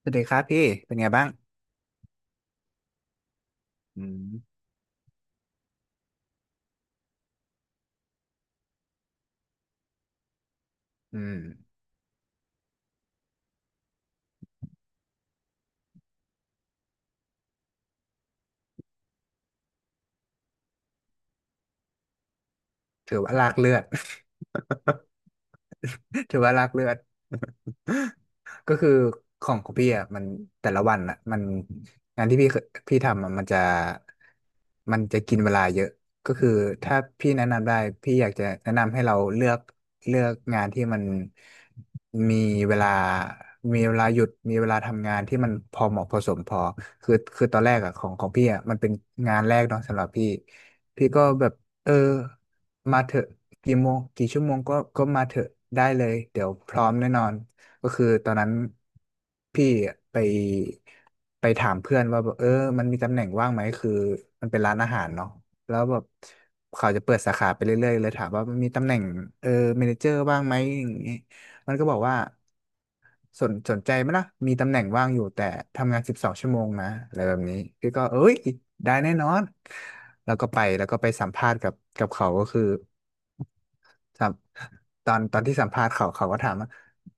สวัสดีครับพี่เป็นไงบ้างอืมอืมถือว่าลากเลือด ถือว่าลากเลือด ก็คือของพี่อ่ะมันแต่ละวันอ่ะมันงานที่พี่เคยพี่ทำอะมันจะกินเวลาเยอะก็คือถ้าพี่แนะนำได้พี่อยากจะแนะนำให้เราเลือกงานที่มันมีเวลามีเวลาหยุดมีเวลาทำงานที่มันพอเหมาะพอสมพอคือตอนแรกอ่ะของพี่อ่ะมันเป็นงานแรกเนาะสำหรับพี่พี่ก็แบบเออมาเถอะกี่โมงกี่ชั่วโมงก็มาเถอะได้เลยเดี๋ยวพร้อมแน่นอน ก็คือตอนนั้นพี่ไปไปถามเพื่อนว่าแบบเออมันมีตำแหน่งว่างไหมคือมันเป็นร้านอาหารเนาะแล้วแบบเขาจะเปิดสาขาไปเรื่อยๆเลยถามว่ามันมีตำแหน่งเออเมเนเจอร์ว่างไหมอย่างงี้มันก็บอกว่าสนใจไหมล่ะมีตำแหน่งว่างอยู่แต่ทำงานสิบสองชั่วโมงนะอะไรแบบนี้พี่ก็เอ้ยได้แน่นอนแล้วก็ไปแล้วก็ไปสัมภาษณ์กับเขาก็คือ ถามตอนที่สัมภาษณ์เขาก็ถามว่า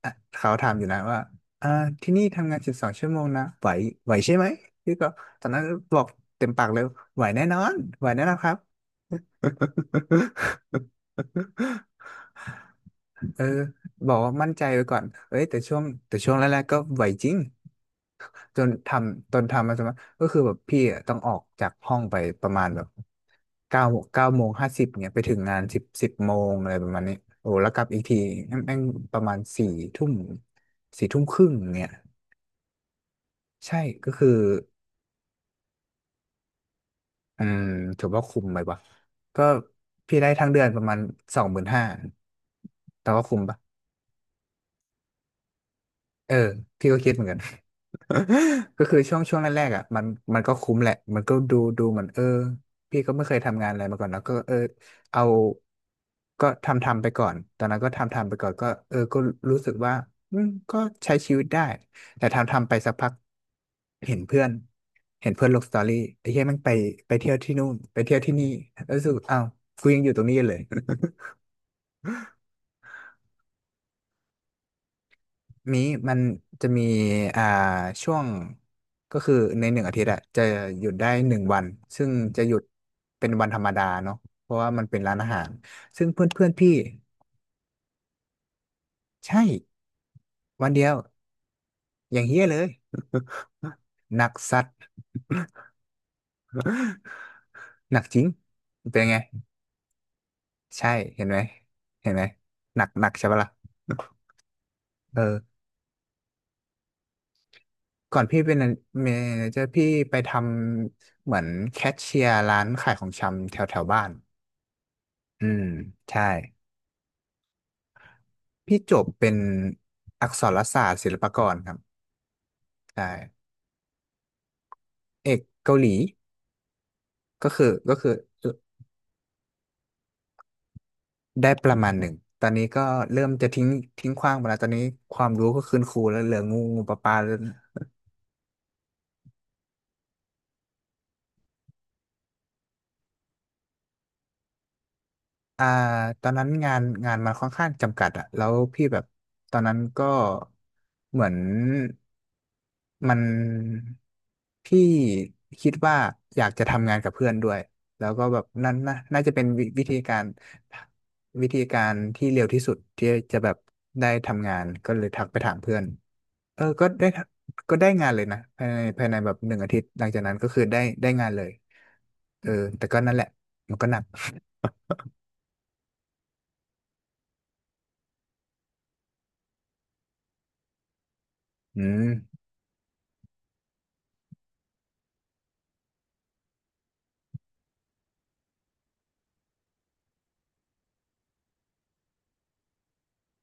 อ่ะเขาถามอยู่นะว่าอ่าที่นี่ทำงานสิบสองชั่วโมงนะไหวไหวใช่ไหมพี่ก็ตอนนั้นบอกเต็มปากเลยไหวแน่นอนไหวแน่นอนครับ เออบอกว่ามั่นใจไว้ก่อนเอ้ยแต่ช่วงแต่ช่วงแรกๆก็ไหวจริง จนทำมาสมัครก็คือแบบพี่อะต้องออกจากห้องไปประมาณแบบเก้า9:50 น.เนี่ยไปถึงงาน10 โมงอะไรประมาณนี้โอ้แล้วกลับอีกทีแม่งประมาณสี่ทุ่ม22:30 น.เนี่ยใช่ก็คืออืมถือว่าคุ้มไหมวะก็พี่ได้ทั้งเดือนประมาณ25,000แต่ว่าคุ้มปะเออพี่ก็คิดเหมือนกัน ก็คือช่วงแรกๆอ่ะมันมันก็คุ้มแหละมันก็ดูเหมือนเออพี่ก็ไม่เคยทำงานอะไรมาก่อนแล้วก็เออเอาก็ทำไปก่อนตอนนั้นก็ทำไปก่อนก็เออก็รู้สึกว่าอืมก็ใช้ชีวิตได้แต่ทำไปสักพักเห็นเพื่อนเห็นเพื่อนลงสตอรี่ไอ้เหี้ยแมันไปไปเที่ยวที่นู่นไปเที่ยวที่นี่แล้วรู้สึกอ้าวกูยังอยู่ตรงนี้เลย มีมันจะมีอ่าช่วงก็คือในหนึ่งอาทิตย์อะจะหยุดได้1 วันซึ่งจะหยุดเป็นวันธรรมดาเนาะเพราะว่ามันเป็นร้านอาหารซึ่งเพื่อนเพื่อนพี่ใช่วันเดียวอย่างเฮี้ยเลย หนักสัตว์หนักจริงเป็นไงใช่เห็นไหมเห็นไหมหนักหนักใช่ปะล่ะเออก่อนพี่เป็นเมเจอร์พี่ไปทำเหมือนแคชเชียร์ร้านขายของชำแถวแถวบ้านอืมใช่ พี่จบเป็นอักษรศาสตร์ศิลปากรครับใช่เอกเกาหลีก็คือได้ประมาณหนึ่งตอนนี้ก็เริ่มจะทิ้งทิ้งขว้างไปแล้วตอนนี้ความรู้ก็คืนครูแล้วเหลืองูงูปลาปลา อ่าตอนนั้นงานมันค่อนข้างจำกัดอะแล้วพี่แบบตอนนั้นก็เหมือนมันพี่คิดว่าอยากจะทำงานกับเพื่อนด้วยแล้วก็แบบนั่นน่ะน่าจะเป็นวิธีการวิธีการที่เร็วที่สุดที่จะแบบได้ทำงานก็เลยทักไปถามเพื่อนเออก็ได้ก็ได้งานเลยนะภายในแบบหนึ่งอาทิตย์หลังจากนั้นก็คือได้ได้งานเลยเออแต่ก็นั่นแหละมันก็หนักอืม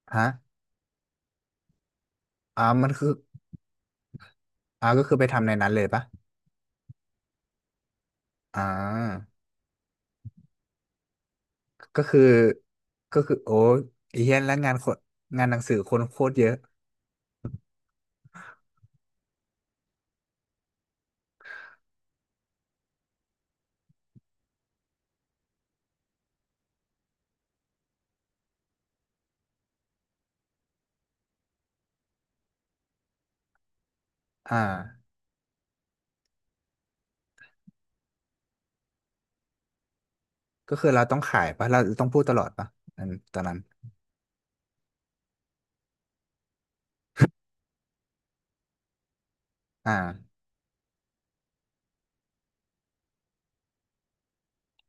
ฮะ มันคืออ่าก็คือไปทำในนั้นเลยปะอ่าก็คือก็คือโอ้ยเฮี้ยนแล้วงานคนงานหนังสือคนโคตรเยอะอ่าก็คือเราต้องขายปะเราต้องพูดตลอดปะอันตอนนั้นอ่า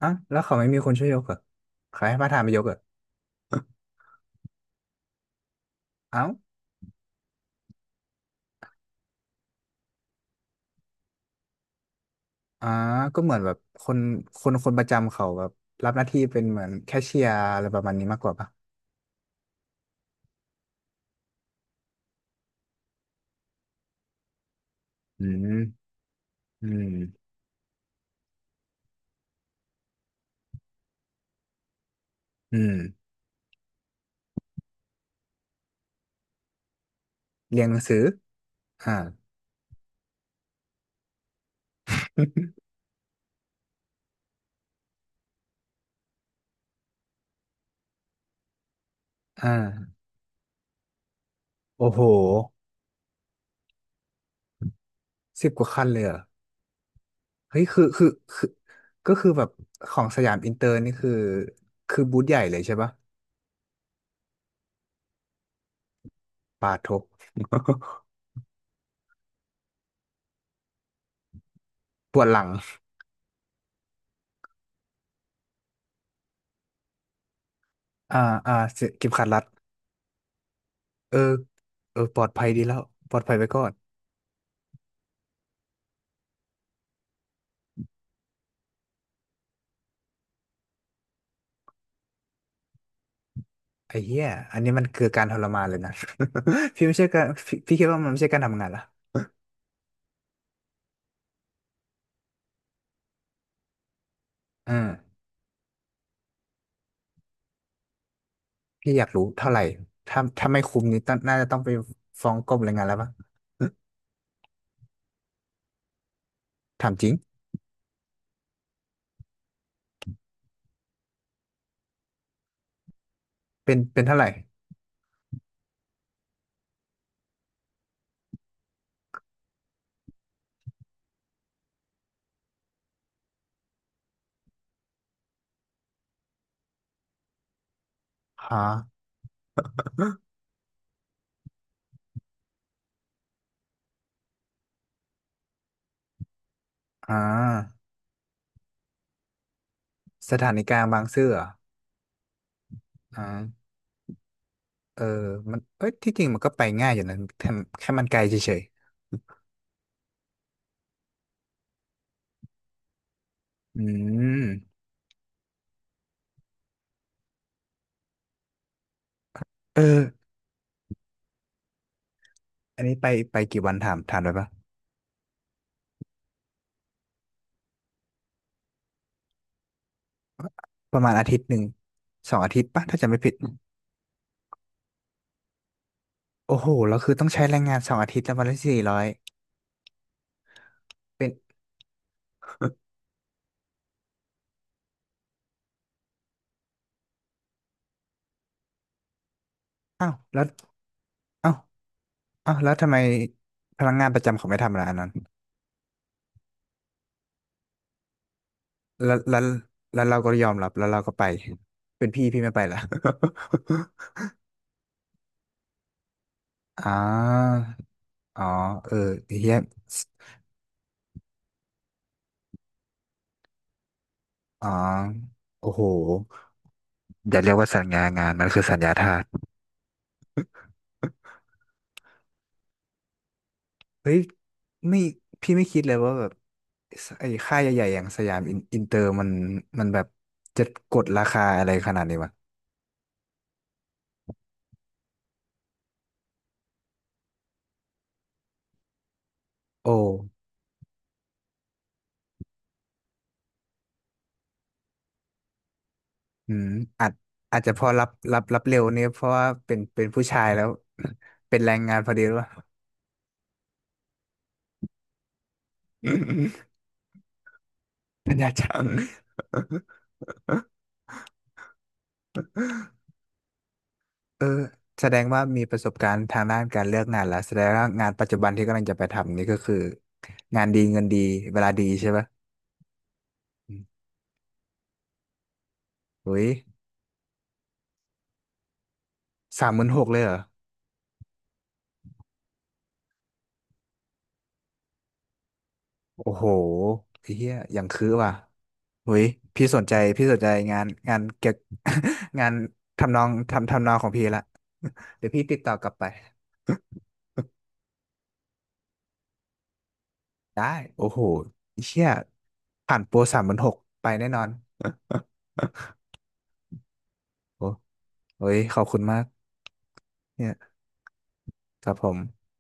อ่ะแล้วเขาไม่มีคนช่วยยกเหรอใครให้มาทนไปยกเหรอเอ้าอ่าก็เหมือนแบบคนคนประจำเขาแบบรับหน้าที่เป็นเหมือนแคชเชียร์อะไรประมาณนี้มากกว่าปะอืมอืมอืมเรียนหนังสืออ่า อ่าโอ้โห สิบกว่าคันเลยเหรอเฮ้ยคือคือก็คือแบบของสยามอินเตอร์นี่คือคือบูธใหญ่เลยใช่ปะปาทบปวดหลังอ่าอ่าเสก็มขาดรัดเออเออปลอดภัยดีแล้วปลอดภัยไว้ก่อนไอ้เหี้ยอันนี้มันคือการทรมานเลยนะ พี่ไม่ใช่การพี่คิดว่ามันไม่ใช่การทำงานละอืมพี่อยากรู้เท่าไหร่ถ้าไม่คุ้มนี้ต้องน่าจะต้องไปฟ้องกรมแรงงานแล้วปะถามจริงเป็นเท่าไหร่ฮะอ่าสถานีกลางบางซื่อเหรออ่า เออมันเอ้ยที่จริงมันก็ไปง่ายอยู่นะแค่แค่มันไกลเฉยๆอืมเอออันนี้ไปไปกี่วันถาม ถามได้ปะประมาณอาทิตย์หนึ่งสองอาทิตย์ปะถ้าจำไม่ผิดโอ้โหแล้วคือต้องใช้แรงงานสองอาทิตย์แล้ววันละ400 บาทเป็นอ้าวแล้วอ้าวอ้าวแล้วทำไมพนักงานประจำเขาไม่ทำอะไรอันนั้นแล้วแล้วแล้วเราก็ยอมรับแล้วเราก็ไปเป็นพี่ไม่ไปละ อ่าอ๋อเออเฮีย อ๋อ โอ้โห อย่าเรียกว่าสัญญางานมันคือสัญญาทาสเฮ้ยไม่พี่ไม่คิดเลยว่าแบบสไอ้ค่ายใหญ่ๆอย่างสยามอินเตอร์มัน มันแบบจะกดราคาอะไรขนาดนี้วะโอ้อืมอาจอาจจะพอรับเร็วเนี่ยเพราะว่าเป็นผู้ชายแล้ว เป็นแรงงานพอดีหรือเปล่า สัญญาจัง เออแสดงว่ามีประสบการณ์ทางด้านการเลือกงานแล้วแสดงว่างานปัจจุบันที่กำลังจะไปทำนี่ก็คืองานดีเงินดีเวลาดีใช่ปะอืมเฮ้ยสามหมื่นหกเลยเหรอโอ้โหไอ้เฮียอย่างคือว่ะเฮ้ยพี่สนใจพี่สนใจงานเก็บ งานทำนองของพี่ละ เดี๋ยวพี่ติดต่อกลับไปได้โอ้โหไอ้เฮียผ่านโปรสามหมื่นหกไปแน่นอน โอ้โหเฮ้ยขอบคุณมากเนี่ยครับผม